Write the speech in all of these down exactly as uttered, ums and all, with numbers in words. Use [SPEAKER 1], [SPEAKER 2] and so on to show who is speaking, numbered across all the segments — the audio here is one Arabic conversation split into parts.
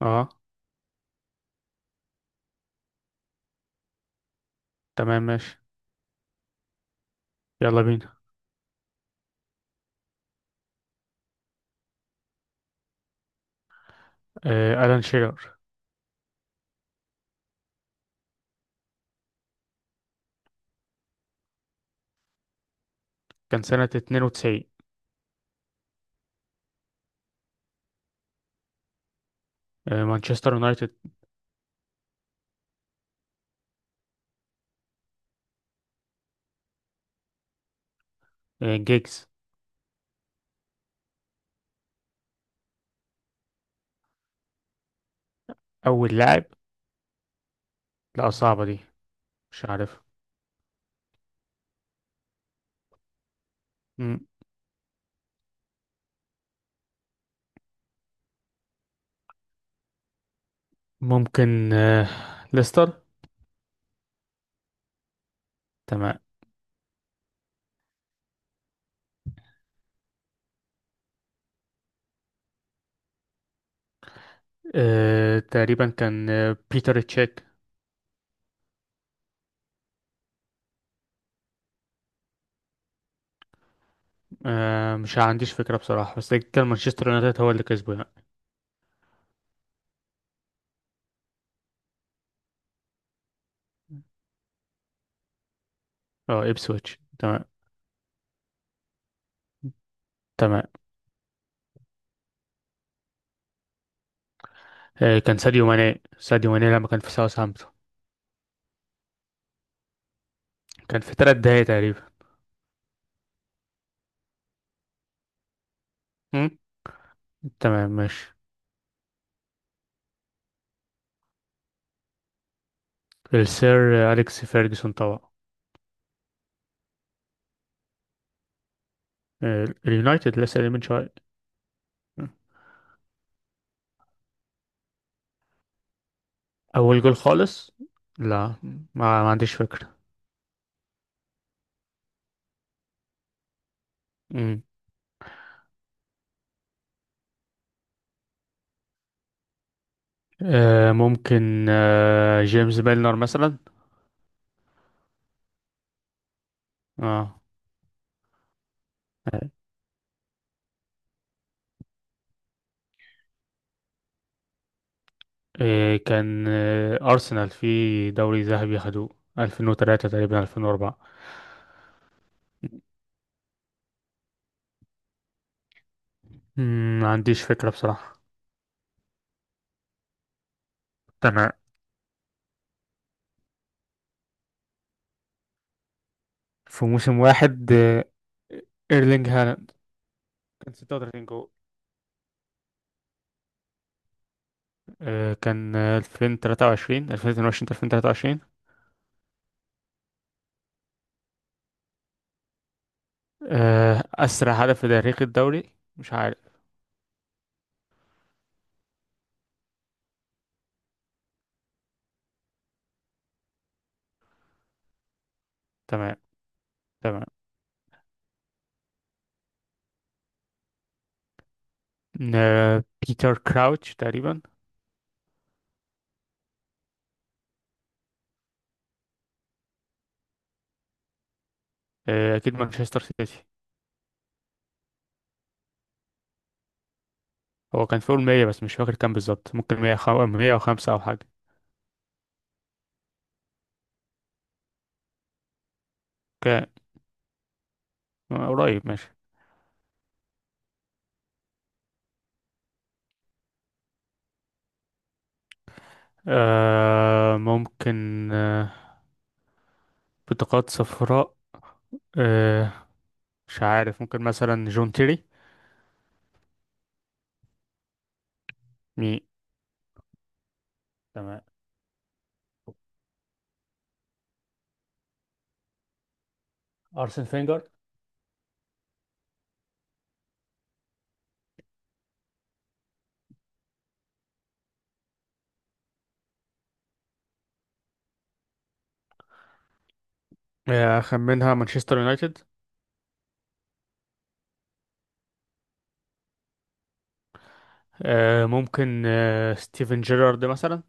[SPEAKER 1] اه، تمام ماشي. يلا بينا. آه ألان شيرر. كان سنة اتنين وتسعين. آه مانشستر يونايتد. آه جيجز. أول لاعب؟ لا، صعبة دي، مش عارف. مم، ممكن آه ليستر. تمام. آه تقريبا كان آه بيتر تشيك. آه مش عنديش فكرة بصراحة، بس كان مانشستر يونايتد هو اللي كسبه يعني. اه، إبسويتش، تمام. تمام. آه كان ساديو ماني، ساديو ماني لما كان في ساوثهامبتون. كان في ثلاث دقايق تقريبا. مم، تمام ماشي. السير آه، أليكس فيرجسون طبعا. آه، اليونايتد، لسه قايل من شوية. أول جول خالص؟ لا، ما, ما عنديش فكرة. مم. آه ممكن آه جيمس ميلنر مثلا. اه. آه، كان آه أرسنال في دوري ذهبي خدوه، ألفين وتلاتة تقريبا، ألفين واربعة. مم، ما عنديش فكرة بصراحة. تمام. في موسم واحد، آه، ايرلينج هالاند. كان 36 جول. آه، كان آه، ألفين وتلاتة وعشرين، ألفين واتنين وعشرين ألفين وتلاتة وعشرين. آه، أسرع هدف في تاريخ الدوري، مش عارف. تمام. تمام. آه، بيتر كراوتش تقريبا. آه، اكيد مانشستر سيتي. هو كان فوق ال مئة، بس مش فاكر كام بالظبط. ممكن مئة خم... مية وخمسة او حاجه. كان آه، قريب. ماشي. آه ممكن آه بطاقات صفراء. آه مش عارف، ممكن مثلا جون تيري. مي. تمام. ارسن فينجر. آه خمنها مانشستر يونايتد. آه ممكن آه ستيفن جيرارد مثلا.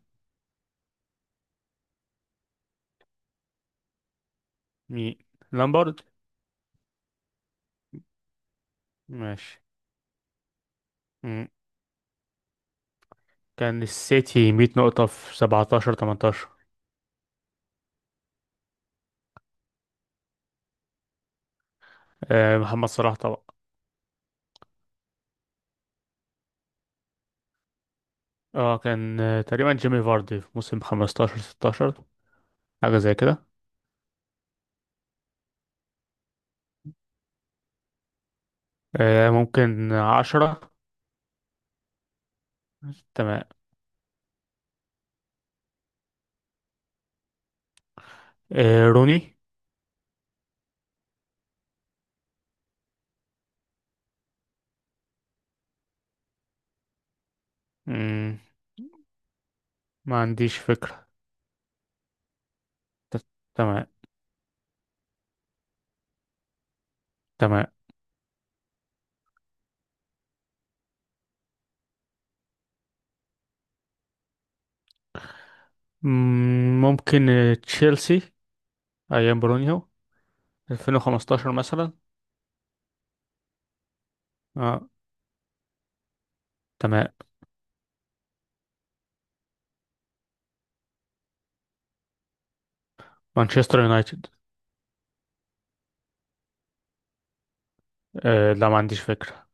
[SPEAKER 1] مي، لامبارد. ماشي. كان السيتي مئة نقطة في سبعة عشر تمنتاشر. آه، محمد صلاح طبعا. اه، كان آه، تقريبا جيمي فاردي في موسم خمسة عشر ستاشر، حاجة زي كده. آه، ممكن عشرة. تمام. آه، روني. مم، ما عنديش فكرة. ت- تمام. تمام. مم، ممكن آه، تشيلسي أيام برونيو ألفين وخمستاشر مثلا. اه، تمام. مانشستر يونايتد. آه، لا، ما عنديش فكرة.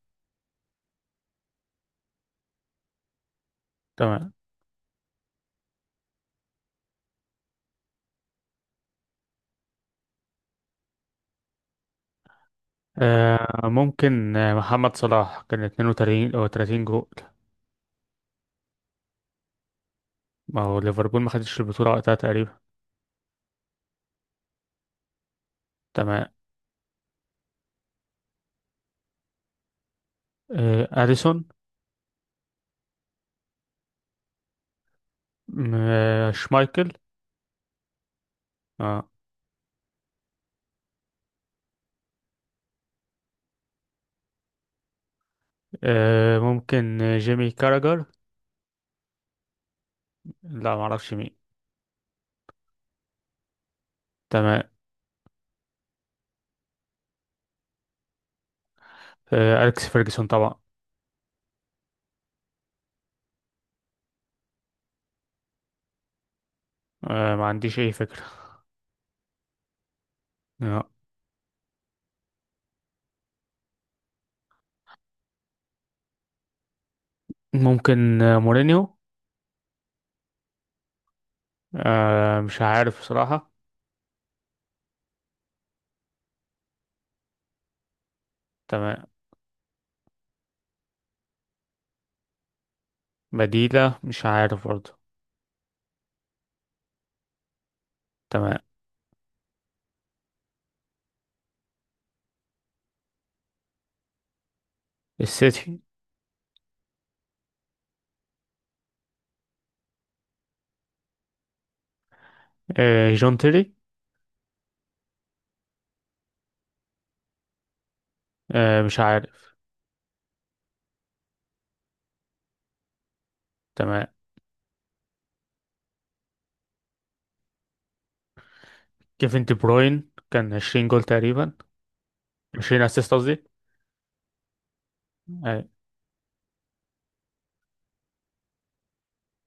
[SPEAKER 1] تمام. آه ممكن آه، محمد صلاح كان اثنين وثلاثين او 30 جول. ما هو ليفربول ما خدش البطولة وقتها تقريبا. تمام. آه اديسون. م- آه شمايكل. آه. آه ممكن آه، جيمي كاراجر. لا، ما اعرفش مين. تمام. آه اليكس فيرجسون طبعا. آه ما عنديش اي فكرة. آه. ممكن آه مورينيو. آه مش عارف بصراحة. تمام. بديلة، مش عارف برضه. تمام. السيتي. آه جون تيري. آه مش عارف. تمام. كيفن دي بروين كان 20 جول تقريبا. 20 اسيست قصدي. أي.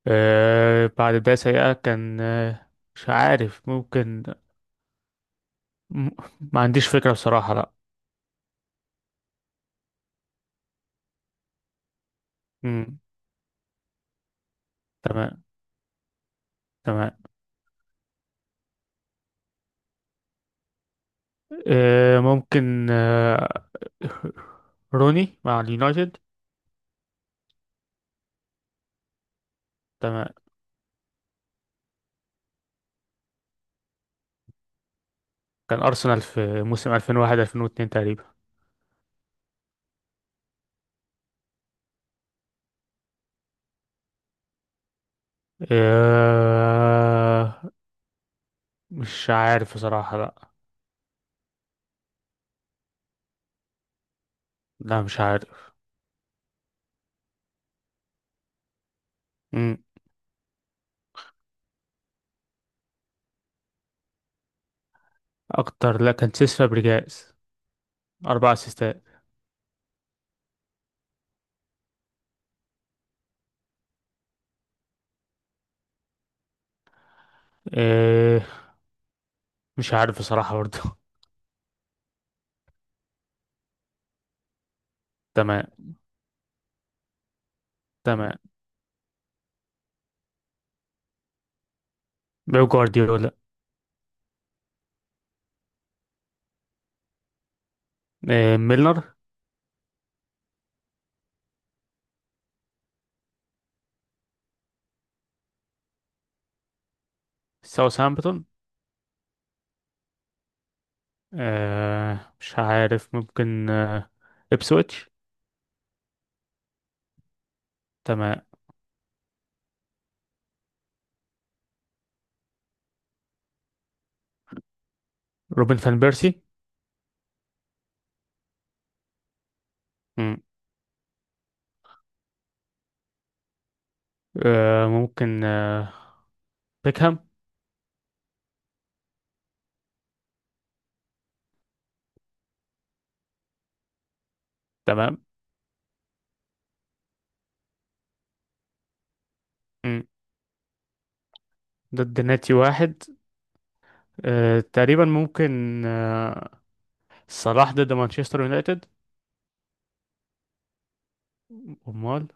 [SPEAKER 1] آه بعد ده سيئة، كان آه مش عارف، ممكن م- ما عنديش فكرة بصراحة، لا. مم. تمام. تمام. آه ممكن آه روني مع اليونايتد. تمام. كان أرسنال في موسم ألفين وواحد ألفين واتنين تقريبا. آه مش عارف بصراحة، لا. لا، مش عارف. مم. أكتر، لا، كان سيس فابريجاس، أربع أسيستات. مش عارف بصراحة برضه. تمام. تمام. بيب جوارديولا. آه ميلنر. ساوثهامبتون. آه مش عارف، ممكن آه إبسويتش. تمام. روبن فان بيرسي. مم. آه ممكن آه بيكهام. تمام. مم. ضد ناتي واحد. آه تقريبا ممكن آه صلاح ضد مانشستر يونايتد. أمال؟